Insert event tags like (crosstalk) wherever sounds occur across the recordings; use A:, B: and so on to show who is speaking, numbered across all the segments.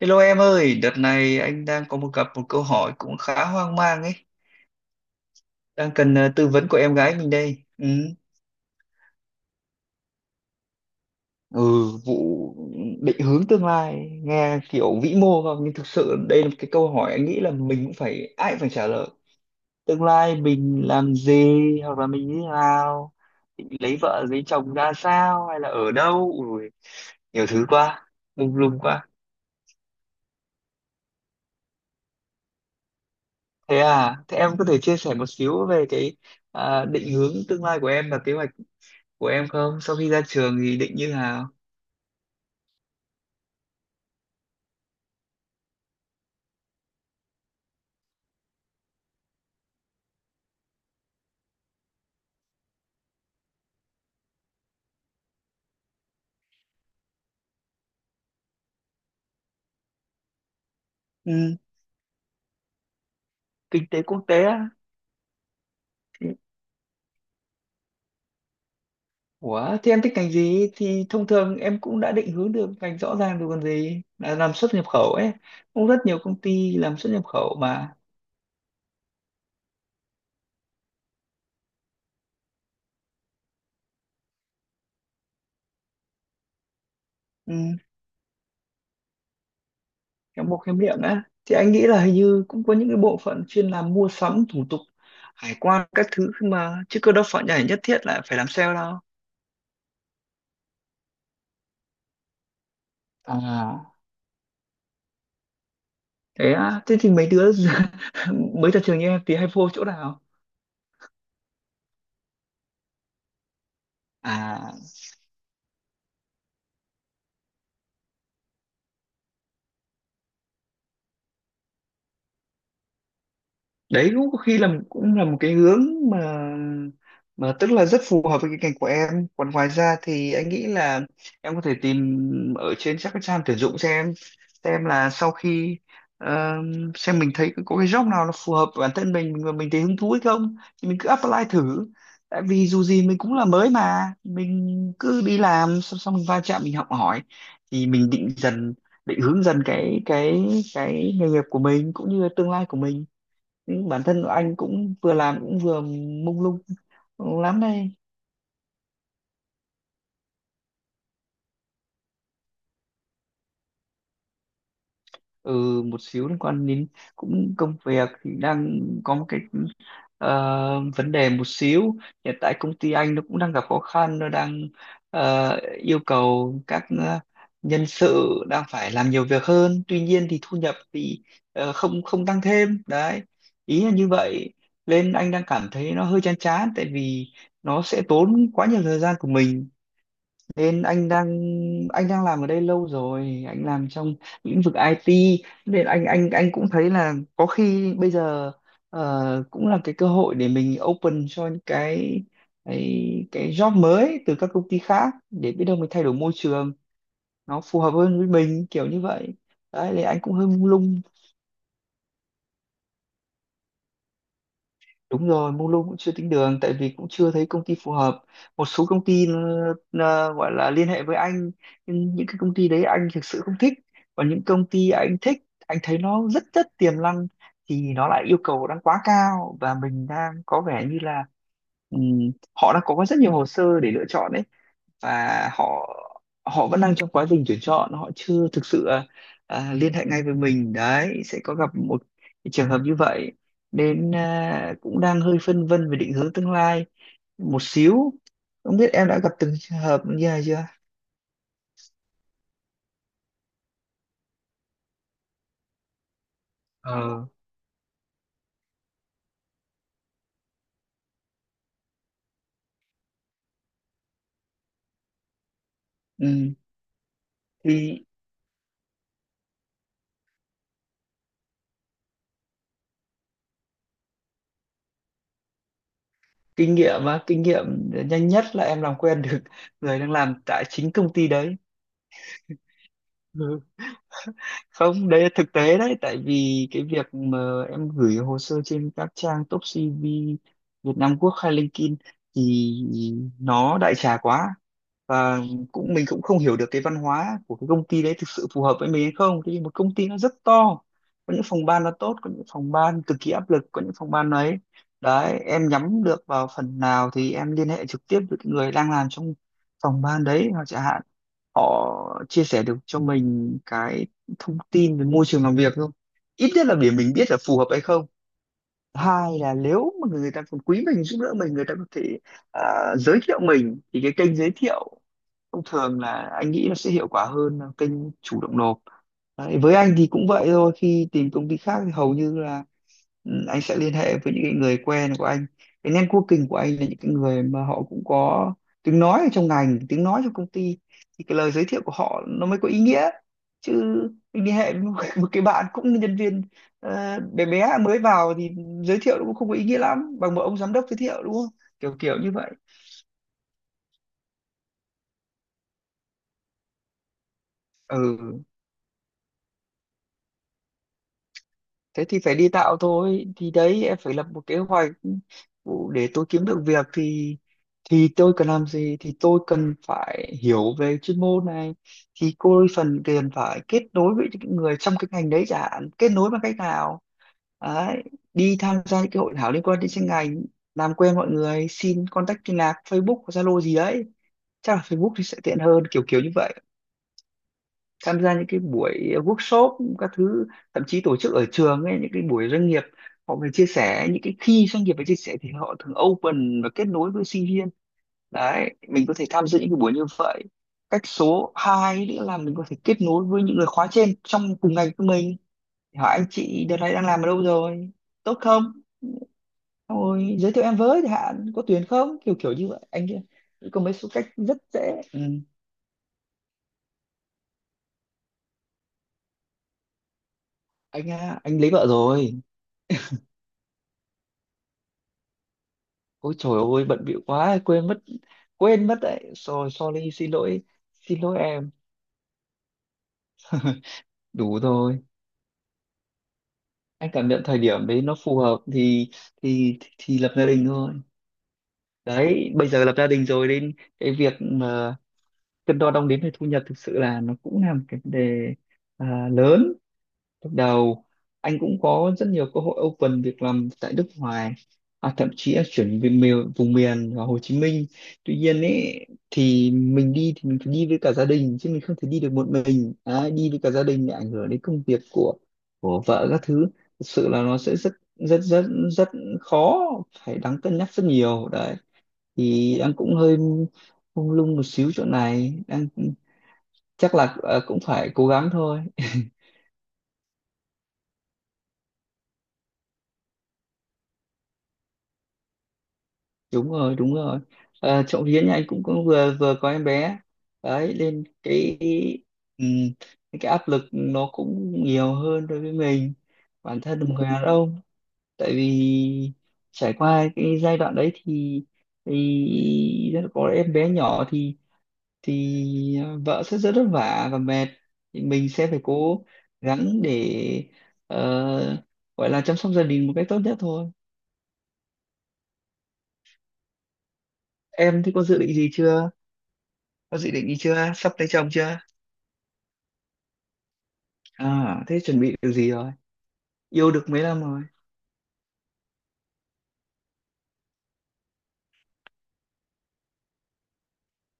A: Hello em ơi, đợt này anh đang có gặp một câu hỏi cũng khá hoang mang ấy, đang cần tư vấn của em gái mình đây. Ừ. ừ vụ định hướng tương lai nghe kiểu vĩ mô không, nhưng thực sự đây là một cái câu hỏi anh nghĩ là mình cũng phải ai cũng phải trả lời. Tương lai mình làm gì, hoặc là mình như thế nào, định lấy vợ lấy chồng ra sao, hay là ở đâu. Ui, nhiều thứ quá, lung lung quá. Thế à, thế em có thể chia sẻ một xíu về cái định hướng tương lai của em và kế hoạch của em không? Sau khi ra trường thì định như nào? Ừ, kinh tế quốc tế á. Thì Ủa, thế em thích ngành gì? Thì thông thường em cũng đã định hướng được ngành rõ ràng rồi còn gì. Là làm xuất nhập khẩu ấy. Cũng rất nhiều công ty làm xuất nhập khẩu mà. Ừ. Trong bộ khám nghiệm á. Thì anh nghĩ là hình như cũng có những cái bộ phận chuyên làm mua sắm, thủ tục, hải quan, các thứ mà. Chứ cơ đâu phải nhảy nhất thiết là phải làm sale đâu. À, thế á, thế thì mấy đứa (laughs) mới ra trường như em thì hay vô chỗ nào? À, đấy cũng có khi là một cái hướng mà tức là rất phù hợp với cái ngành của em. Còn ngoài ra thì anh nghĩ là em có thể tìm ở trên các cái trang tuyển dụng, xem là sau khi ờ, xem mình thấy có cái job nào nó phù hợp với bản thân mình, mình thấy hứng thú hay không thì mình cứ apply thử. Tại vì dù gì mình cũng là mới, mà mình cứ đi làm, xong xong mình va chạm, mình học hỏi thì mình định dần, định hướng dần cái cái nghề nghiệp của mình cũng như là tương lai của mình. Bản thân anh cũng vừa làm cũng vừa mông lung lắm đây. Ừ, một xíu liên quan đến cũng công việc thì đang có một cái vấn đề một xíu. Hiện tại công ty anh nó cũng đang gặp khó khăn, nó đang ờ, yêu cầu các nhân sự đang phải làm nhiều việc hơn, tuy nhiên thì thu nhập thì không không tăng thêm đấy, ý là như vậy. Nên anh đang cảm thấy nó hơi chán chán, tại vì nó sẽ tốn quá nhiều thời gian của mình. Nên anh đang Anh đang làm ở đây lâu rồi, anh làm trong lĩnh vực IT, nên anh anh cũng thấy là có khi bây giờ cũng là cái cơ hội để mình open cho những cái cái job mới từ các công ty khác, để biết đâu mình thay đổi môi trường nó phù hợp hơn với mình, kiểu như vậy. Đấy, thì anh cũng hơi mông lung. Đúng rồi, mông lung cũng chưa tính đường tại vì cũng chưa thấy công ty phù hợp. Một số công ty gọi là liên hệ với anh, nhưng những cái công ty đấy anh thực sự không thích. Còn những công ty anh thích, anh thấy nó rất rất tiềm năng, thì nó lại yêu cầu đang quá cao và mình đang có vẻ như là họ đã có rất nhiều hồ sơ để lựa chọn đấy, và họ họ vẫn đang trong quá trình tuyển chọn, họ chưa thực sự liên hệ ngay với mình đấy, sẽ có gặp một cái trường hợp như vậy. Nên cũng đang hơi phân vân về định hướng tương lai một xíu, không biết em đã gặp từng trường hợp như này chưa. Ờ. Ừ. Thì kinh nghiệm á, kinh nghiệm nhanh nhất là em làm quen được người đang làm tại chính công ty đấy. Không, đấy là thực tế đấy, tại vì cái việc mà em gửi hồ sơ trên các trang top CV Việt Nam Quốc hay LinkedIn thì nó đại trà quá. Và mình cũng không hiểu được cái văn hóa của cái công ty đấy thực sự phù hợp với mình hay không. Thì một công ty nó rất to, có những phòng ban nó tốt, có những phòng ban cực kỳ áp lực, có những phòng ban ấy. Đấy, em nhắm được vào phần nào thì em liên hệ trực tiếp với cái người đang làm trong phòng ban đấy, hoặc chẳng hạn họ chia sẻ được cho mình cái thông tin về môi trường làm việc không, ít nhất là để mình biết là phù hợp hay không. Hai là nếu mà người ta còn quý mình, giúp đỡ mình, người ta có thể à, giới thiệu mình, thì cái kênh giới thiệu thông thường là anh nghĩ nó sẽ hiệu quả hơn là kênh chủ động nộp. Đấy, với anh thì cũng vậy thôi, khi tìm công ty khác thì hầu như là ừ, anh sẽ liên hệ với những cái người quen của anh, cái networking của anh là những cái người mà họ cũng có tiếng nói ở trong ngành, tiếng nói trong công ty, thì cái lời giới thiệu của họ nó mới có ý nghĩa. Chứ mình liên hệ với một, (laughs) một cái bạn cũng là nhân viên bé bé mới vào thì giới thiệu nó cũng không có ý nghĩa lắm bằng một ông giám đốc giới thiệu, đúng không, kiểu kiểu như vậy. Ừ, thế thì phải đi tạo thôi. Thì đấy, em phải lập một kế hoạch để tôi kiếm được việc thì tôi cần làm gì, thì tôi cần phải hiểu về chuyên môn này, thì cô phần tiền phải kết nối với những người trong cái ngành đấy, chẳng hạn kết nối bằng cách nào đấy. Đi tham gia những cái hội thảo liên quan đến chuyên ngành, làm quen mọi người, xin contact liên lạc, Facebook Zalo gì đấy, chắc là Facebook thì sẽ tiện hơn, kiểu kiểu như vậy. Tham gia những cái buổi workshop các thứ, thậm chí tổ chức ở trường ấy, những cái buổi doanh nghiệp họ về chia sẻ, những cái khi doanh nghiệp về chia sẻ thì họ thường open và kết nối với sinh viên, đấy mình có thể tham dự những cái buổi như vậy. Cách số 2 nữa là mình có thể kết nối với những người khóa trên trong cùng ngành của mình, hỏi anh chị đợt này đang làm ở đâu rồi, tốt không. Xong rồi giới thiệu em với, thì hạn có tuyển không, kiểu kiểu như vậy anh kia. Có mấy số cách rất dễ. Ừ. Anh lấy vợ rồi. Ôi trời ơi bận bịu quá quên mất, quên mất đấy, rồi sorry, xin lỗi, xin lỗi em. (laughs) Đủ rồi, anh cảm nhận thời điểm đấy nó phù hợp thì thì lập gia đình thôi. Đấy, bây giờ lập gia đình rồi, đến cái việc mà cân đo đong đếm về thu nhập thực sự là nó cũng là một cái vấn đề lớn. Lúc đầu anh cũng có rất nhiều cơ hội open việc làm tại nước ngoài, thậm chí là chuyển về miền, vào Hồ Chí Minh. Tuy nhiên ấy thì mình đi thì mình phải đi với cả gia đình chứ mình không thể đi được một mình, à, đi với cả gia đình lại ảnh hưởng đến công việc của vợ các thứ. Thực sự là nó sẽ rất rất rất rất khó, phải đáng cân nhắc rất nhiều đấy. Thì đang cũng hơi mông lung một xíu chỗ này, đang chắc là cũng phải cố gắng thôi. (laughs) Đúng rồi, đúng rồi, trộm vía nhà anh cũng, cũng vừa vừa có em bé đấy, nên ừm, cái áp lực nó cũng nhiều hơn đối với mình, bản thân một người đàn ông. Tại vì trải qua cái giai đoạn đấy thì có em bé nhỏ thì ờ, vợ sẽ rất vất vả và mệt, thì mình sẽ phải cố gắng để ờ, gọi là chăm sóc gia đình một cách tốt nhất thôi. Em thì có dự định gì chưa? Có dự định gì chưa, sắp lấy chồng chưa? À thế chuẩn bị điều gì rồi, yêu được mấy năm rồi?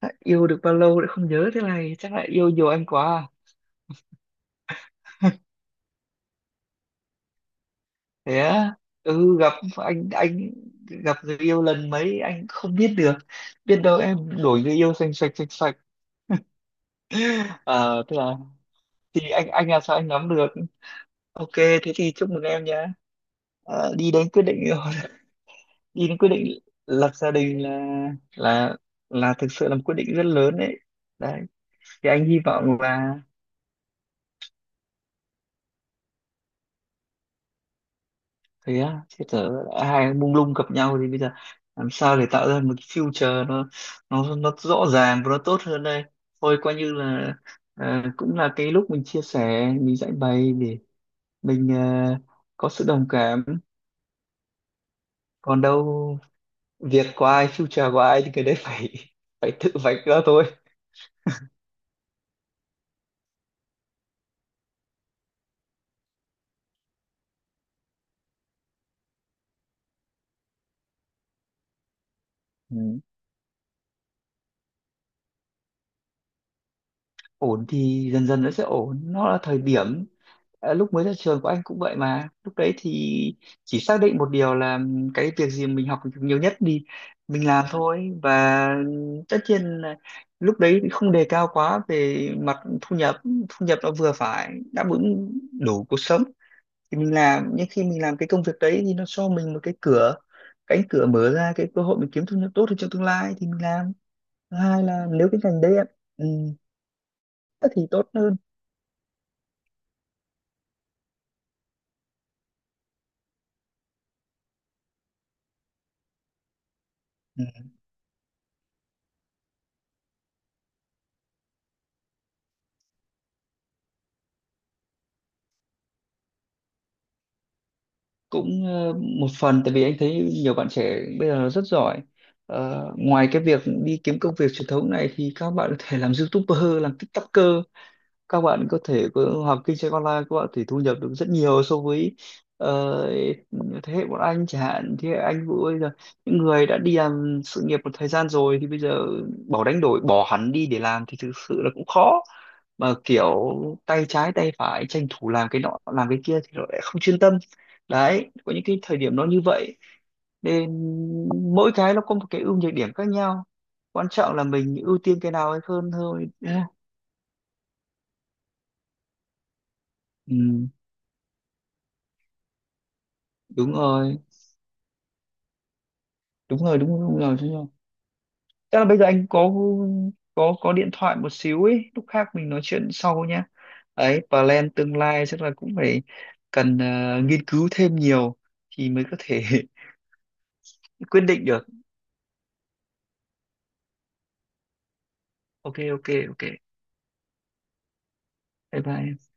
A: À, yêu được bao lâu đã không nhớ thế này, chắc là yêu nhiều anh quá à? Thế á, ừ gặp anh gặp người yêu lần mấy anh không biết được, biết đâu em đổi người yêu sành sạch sạch sạch Ờ thế là thì anh là sao anh nắm được. Ok, thế thì chúc mừng em nhá, ờ, đi đến quyết định rồi. (laughs) Đi đến quyết định lập gia đình là là là thực sự là một quyết định rất lớn đấy. Đấy thì anh hy vọng là Thế á, thế tớ hai mông lung gặp nhau thì bây giờ làm sao để tạo ra một cái future nó nó rõ ràng và nó tốt hơn đây. Thôi coi như là ờ, cũng là cái lúc mình chia sẻ, mình giải bày để mình có sự đồng cảm, còn đâu việc của ai, future của ai, thì cái đấy phải (laughs) phải tự vạch ra thôi. Ừ. Ổn thì dần dần nó sẽ ổn, nó là thời điểm. Ờ, lúc mới ra trường của anh cũng vậy mà, lúc đấy thì chỉ xác định một điều là cái việc gì mình học được nhiều nhất thì mình làm thôi. Và tất nhiên là lúc đấy không đề cao quá về mặt thu nhập, thu nhập nó vừa phải, đáp ứng đủ cuộc sống thì mình làm. Nhưng khi mình làm cái công việc đấy thì nó cho mình một cái cửa cánh cửa mở ra cái cơ hội mình kiếm thu nhập tốt hơn trong tương lai thì mình làm. Thứ hai là nếu cái ngành đấy em, ừ, thì tốt hơn. Cũng một phần tại vì anh thấy nhiều bạn trẻ bây giờ rất giỏi. Ờ, ngoài cái việc đi kiếm công việc truyền thống này thì các bạn có thể làm YouTuber, làm TikToker, các bạn có thể học kinh doanh online, các bạn thì thu nhập được rất nhiều so với ờ, thế hệ bọn anh chẳng hạn, thế hệ anh Vũ bây giờ, những người đã đi làm sự nghiệp một thời gian rồi, thì bây giờ bỏ, đánh đổi bỏ hẳn đi để làm thì thực sự là cũng khó. Mà kiểu tay trái tay phải tranh thủ làm cái nọ làm cái kia thì nó lại không chuyên tâm. Đấy có những cái thời điểm nó như vậy, nên mỗi cái nó có một cái ưu nhược điểm khác nhau, quan trọng là mình ưu tiên cái nào hay hơn thôi, đúng không? Ừ, đúng rồi, đúng rồi, đúng rồi, đúng rồi, đúng rồi. Chắc là bây giờ anh có có điện thoại một xíu ấy, lúc khác mình nói chuyện sau nhá. Ấy plan tương lai chắc là cũng phải cần nghiên cứu thêm nhiều thì mới có thể (laughs) quyết định được. Ok ok ok, bye bye.